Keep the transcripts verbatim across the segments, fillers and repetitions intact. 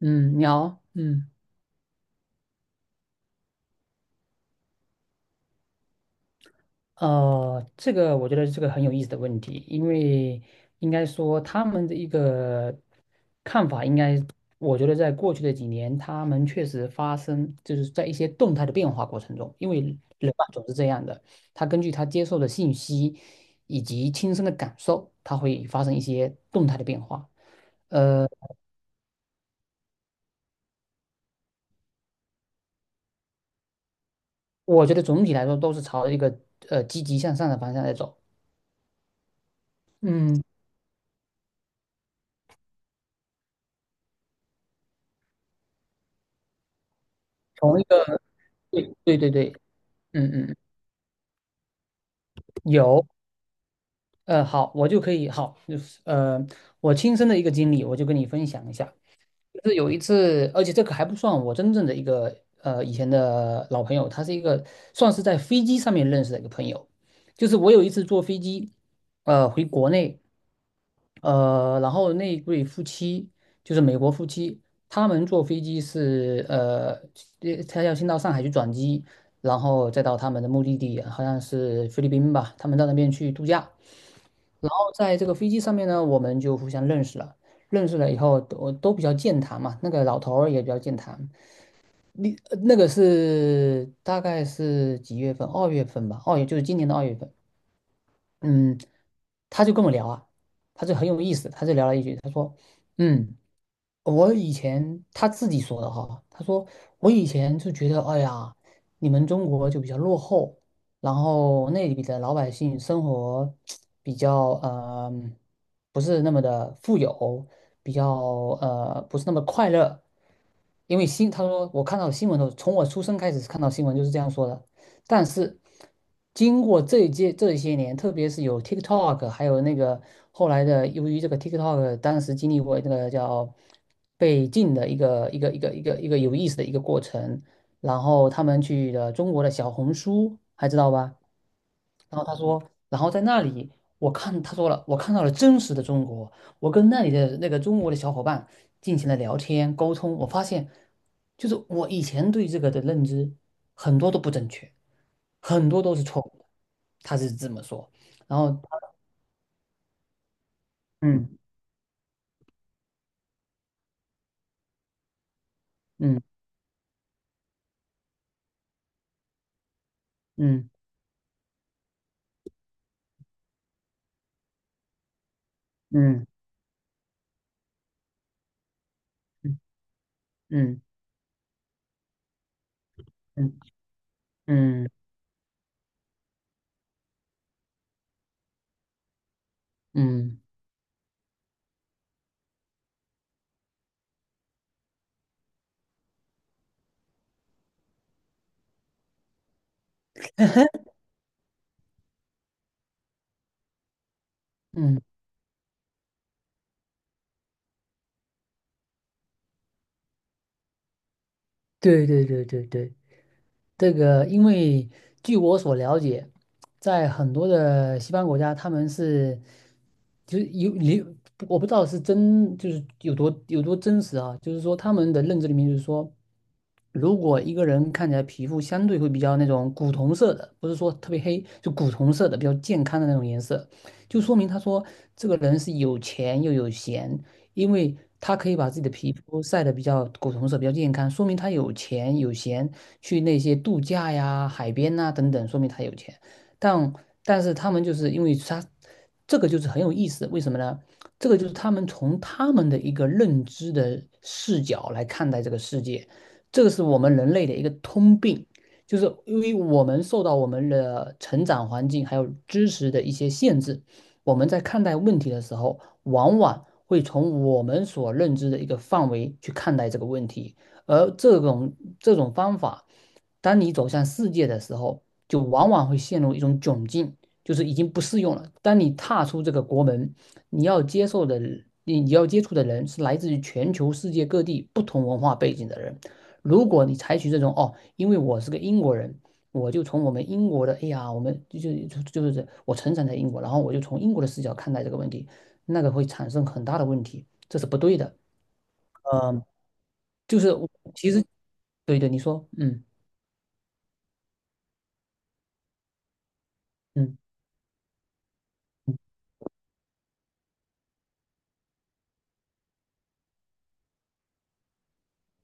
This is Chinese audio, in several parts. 嗯，你好，嗯。呃，这个我觉得是个很有意思的问题，因为应该说他们的一个看法，应该我觉得在过去的几年，他们确实发生就是在一些动态的变化过程中，因为人嘛总是这样的，他根据他接受的信息以及亲身的感受，他会发生一些动态的变化。呃，我觉得总体来说都是朝着一个呃积极向上的方向在走。嗯，从一个对对对对，嗯嗯。有，呃，好，我就可以，好，就是呃，我亲身的一个经历，我就跟你分享一下。就是有一次，而且这个还不算我真正的一个呃以前的老朋友，他是一个算是在飞机上面认识的一个朋友。就是我有一次坐飞机，呃，回国内，呃，然后那一对夫妻就是美国夫妻，他们坐飞机是呃呃他要先到上海去转机，然后再到他们的目的地，好像是菲律宾吧，他们到那边去度假。在这个飞机上面呢，我们就互相认识了。认识了以后，都都比较健谈嘛。那个老头儿也比较健谈。你呃那个是大概是几月份？二月份吧，二月就是今年的二月份。嗯，他就跟我聊啊，他就很有意思，他就聊了一句，他说，嗯。我以前他自己说的哈，他说我以前就觉得，哎呀，你们中国就比较落后，然后那里的老百姓生活比较呃不是那么的富有，比较呃不是那么快乐，因为新他说我看到新闻的时候，从我出生开始看到新闻就是这样说的，但是经过这一届这些年，特别是有 TikTok，还有那个后来的，由于这个 TikTok 当时经历过那个叫被禁的一个一个一个一个一个有意思的一个过程，然后他们去了中国的小红书，还知道吧？然后他说，然后在那里。我看他说了，我看到了真实的中国，我跟那里的那个中国的小伙伴进行了聊天沟通，我发现，就是我以前对这个的认知很多都不正确。很多都是错误的，他是这么说。然后，嗯嗯嗯嗯嗯嗯嗯嗯嗯嗯，对对对对对，这个因为据我所了解，在很多的西方国家，他们是就是有你，我不知道是真就是有多有多真实啊，就是说他们的认知里面就是说。如果一个人看起来皮肤相对会比较那种古铜色的，不是说特别黑，就古铜色的比较健康的那种颜色，就说明他说这个人是有钱又有闲，因为他可以把自己的皮肤晒得比较古铜色，比较健康，说明他有钱有闲去那些度假呀、海边呐、等等，说明他有钱。但但是他们就是因为他这个就是很有意思，为什么呢？这个就是他们从他们的一个认知的视角来看待这个世界。这个是我们人类的一个通病，就是因为我们受到我们的成长环境还有知识的一些限制，我们在看待问题的时候，往往会从我们所认知的一个范围去看待这个问题，而这种这种方法，当你走向世界的时候，就往往会陷入一种窘境，就是已经不适用了。当你踏出这个国门，你要接受的。你你要接触的人是来自于全球世界各地不同文化背景的人，如果你采取这种哦，因为我是个英国人，我就从我们英国的，哎呀，我们就就就是这我成长在英国，然后我就从英国的视角看待这个问题，那个会产生很大的问题，这是不对的。嗯、就是我其实对对，你说，嗯嗯嗯，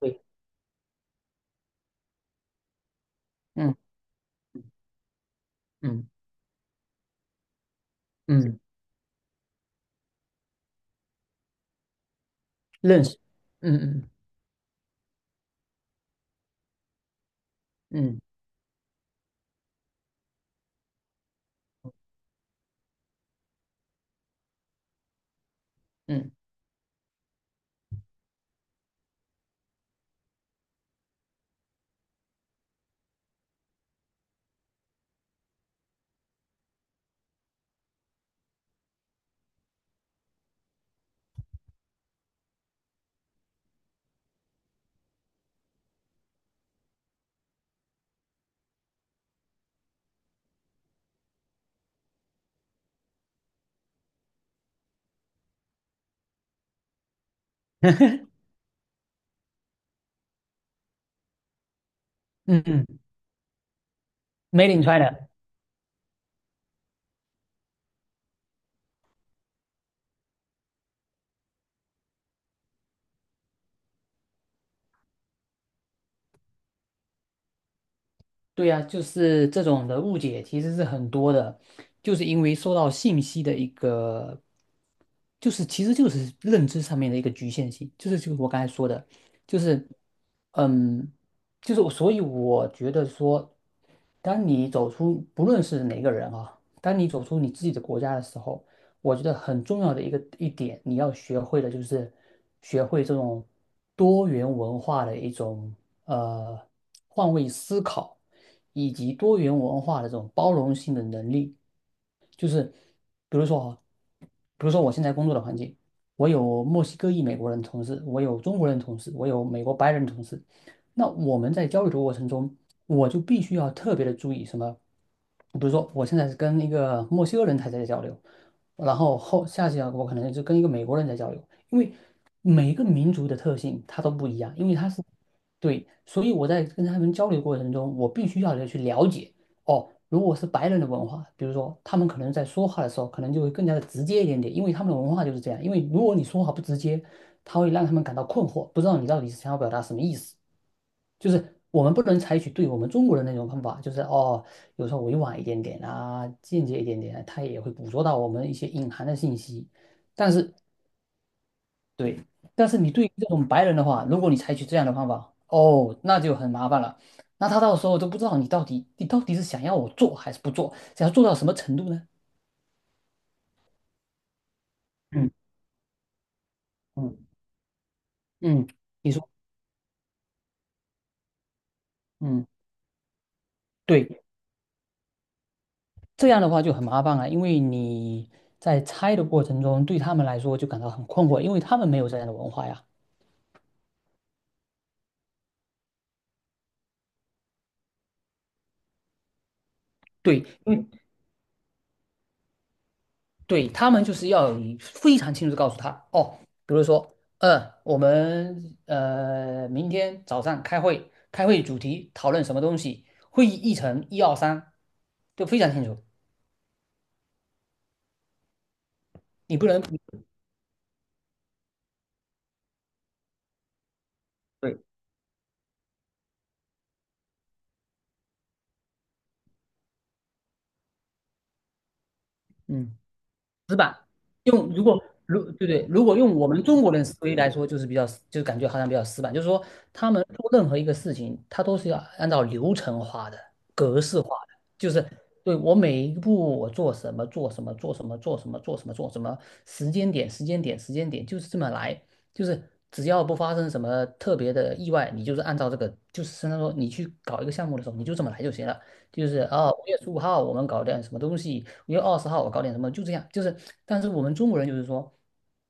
对，嗯嗯嗯嗯，认识，嗯嗯嗯嗯嗯嗯，Made in China。对呀，就是这种的误解其实是很多的，就是因为受到信息的一个，就是其实就是认知上面的一个局限性，就是就是我刚才说的，就是嗯，就是我所以我觉得说，当你走出不论是哪个人啊，当你走出你自己的国家的时候。我觉得很重要的一个一点，你要学会的就是学会这种多元文化的一种呃换位思考，以及多元文化的这种包容性的能力。就是比如说哈，比如说我现在工作的环境，我有墨西哥裔美国人同事，我有中国人同事，我有美国白人同事。那我们在交流的过程中，我就必须要特别的注意什么？比如说，我现在是跟一个墨西哥人才在交流，然后后下次啊，我可能就跟一个美国人在交流，因为每一个民族的特性它都不一样，因为它是，对，所以我在跟他们交流过程中，我必须要去了解哦。如果是白人的文化，比如说他们可能在说话的时候，可能就会更加的直接一点点，因为他们的文化就是这样。因为如果你说话不直接，他会让他们感到困惑，不知道你到底是想要表达什么意思。就是我们不能采取对我们中国人那种方法，就是哦，有时候委婉一点点啊，间接一点点啊他也会捕捉到我们一些隐含的信息。但是，对，但是你对于这种白人的话，如果你采取这样的方法，哦，那就很麻烦了。那他到时候都不知道你到底你到底是想要我做还是不做，想要做到什么程度呢？嗯嗯嗯，你说，嗯，对，这样的话就很麻烦了，因为你在猜的过程中，对他们来说就感到很困惑，因为他们没有这样的文化呀。对，因为对他们就是要有非常清楚地告诉他哦，比如说，呃，我们呃明天早上开会，开会主题讨论什么东西，会议议程一二三，都非常清楚，你不能，对，嗯。死板。用如果如对对，如果用我们中国人思维来说，就是比较就是感觉好像比较死板，就是说他们做任何一个事情，他都是要按照流程化的、格式化的，就是对我每一步我做什么做什么做什么做什么做什么做什么时间点时间点时间点就是这么来，就是只要不发生什么特别的意外，你就是按照这个就是相当于说你去搞一个项目的时候，你就这么来就行了。就是啊，五月十五号我们搞点什么东西，五月二十号我搞点什么，就这样。就是，但是我们中国人就是说，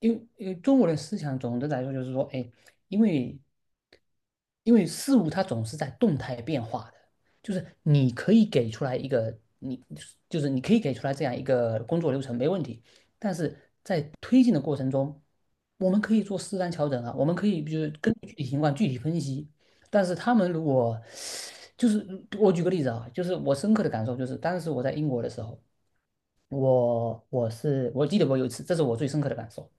因为因为中国人思想总的来说就是说，哎，因为因为事物它总是在动态变化的，就是你可以给出来一个你就是你可以给出来这样一个工作流程没问题，但是在推进的过程中，我们可以做适当调整啊，我们可以就是根据具体情况具体分析。但是他们如果就是我举个例子啊，就是我深刻的感受就是，当时我在英国的时候，我我是我记得我有一次，这是我最深刻的感受。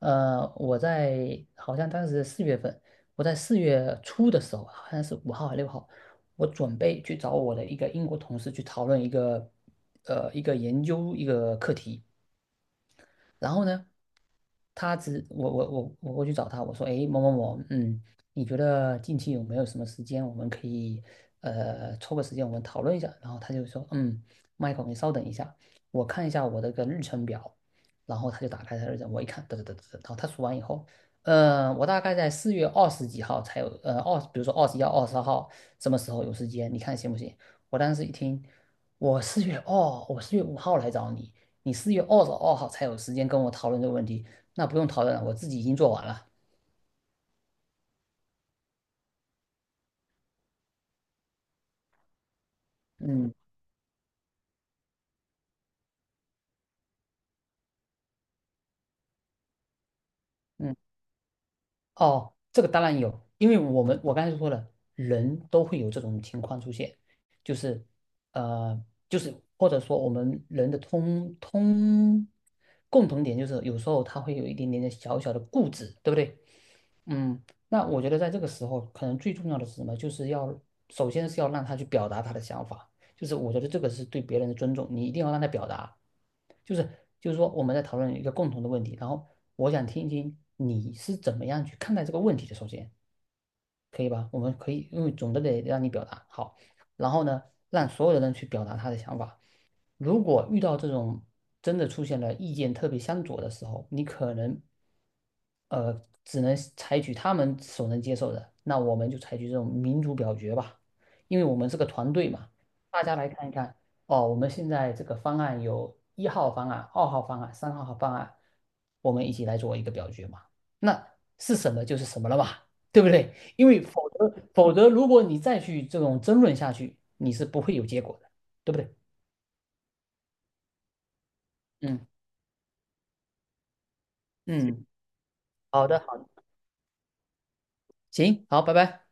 呃，我在好像当时四月份，我在四月初的时候，好像是五号还是六号，我准备去找我的一个英国同事去讨论一个呃一个研究一个课题。然后呢，他只我我我我过去找他，我说，哎某某某，嗯，你觉得近期有没有什么时间，我们可以呃抽个时间我们讨论一下？然后他就说，嗯，Michael，你稍等一下，我看一下我的个日程表。然后他就打开他的日程，我一看，得得得得得，然后他数完以后，呃，我大概在四月二十几号才有，呃，二，比如说二十一号、二十二号什么时候有时间，你看行不行？我当时一听，我四月哦，我四月五号来找你，你四月二十二号才有时间跟我讨论这个问题，那不用讨论了，我自己已经做完了。嗯嗯，哦，这个当然有，因为我们我刚才说了，人都会有这种情况出现，就是呃，就是或者说我们人的通通共同点就是有时候他会有一点点的小小的固执，对不对？嗯，那我觉得在这个时候，可能最重要的是什么？就是要首先是要让他去表达他的想法，就是我觉得这个是对别人的尊重，你一定要让他表达。就是就是说，我们在讨论一个共同的问题，然后我想听一听你是怎么样去看待这个问题的。首先，可以吧？我们可以，因为总的得让你表达好，然后呢，让所有的人去表达他的想法。如果遇到这种真的出现了意见特别相左的时候，你可能呃只能采取他们所能接受的，那我们就采取这种民主表决吧，因为我们是个团队嘛，大家来看一看。哦，我们现在这个方案有一号方案、二号方案、三号方案，我们一起来做一个表决嘛。那是什么就是什么了嘛，对不对？因为否则否则，如果你再去这种争论下去，你是不会有结果的，对不对？嗯嗯，好的，好，行，好，拜拜。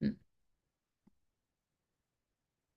嗯。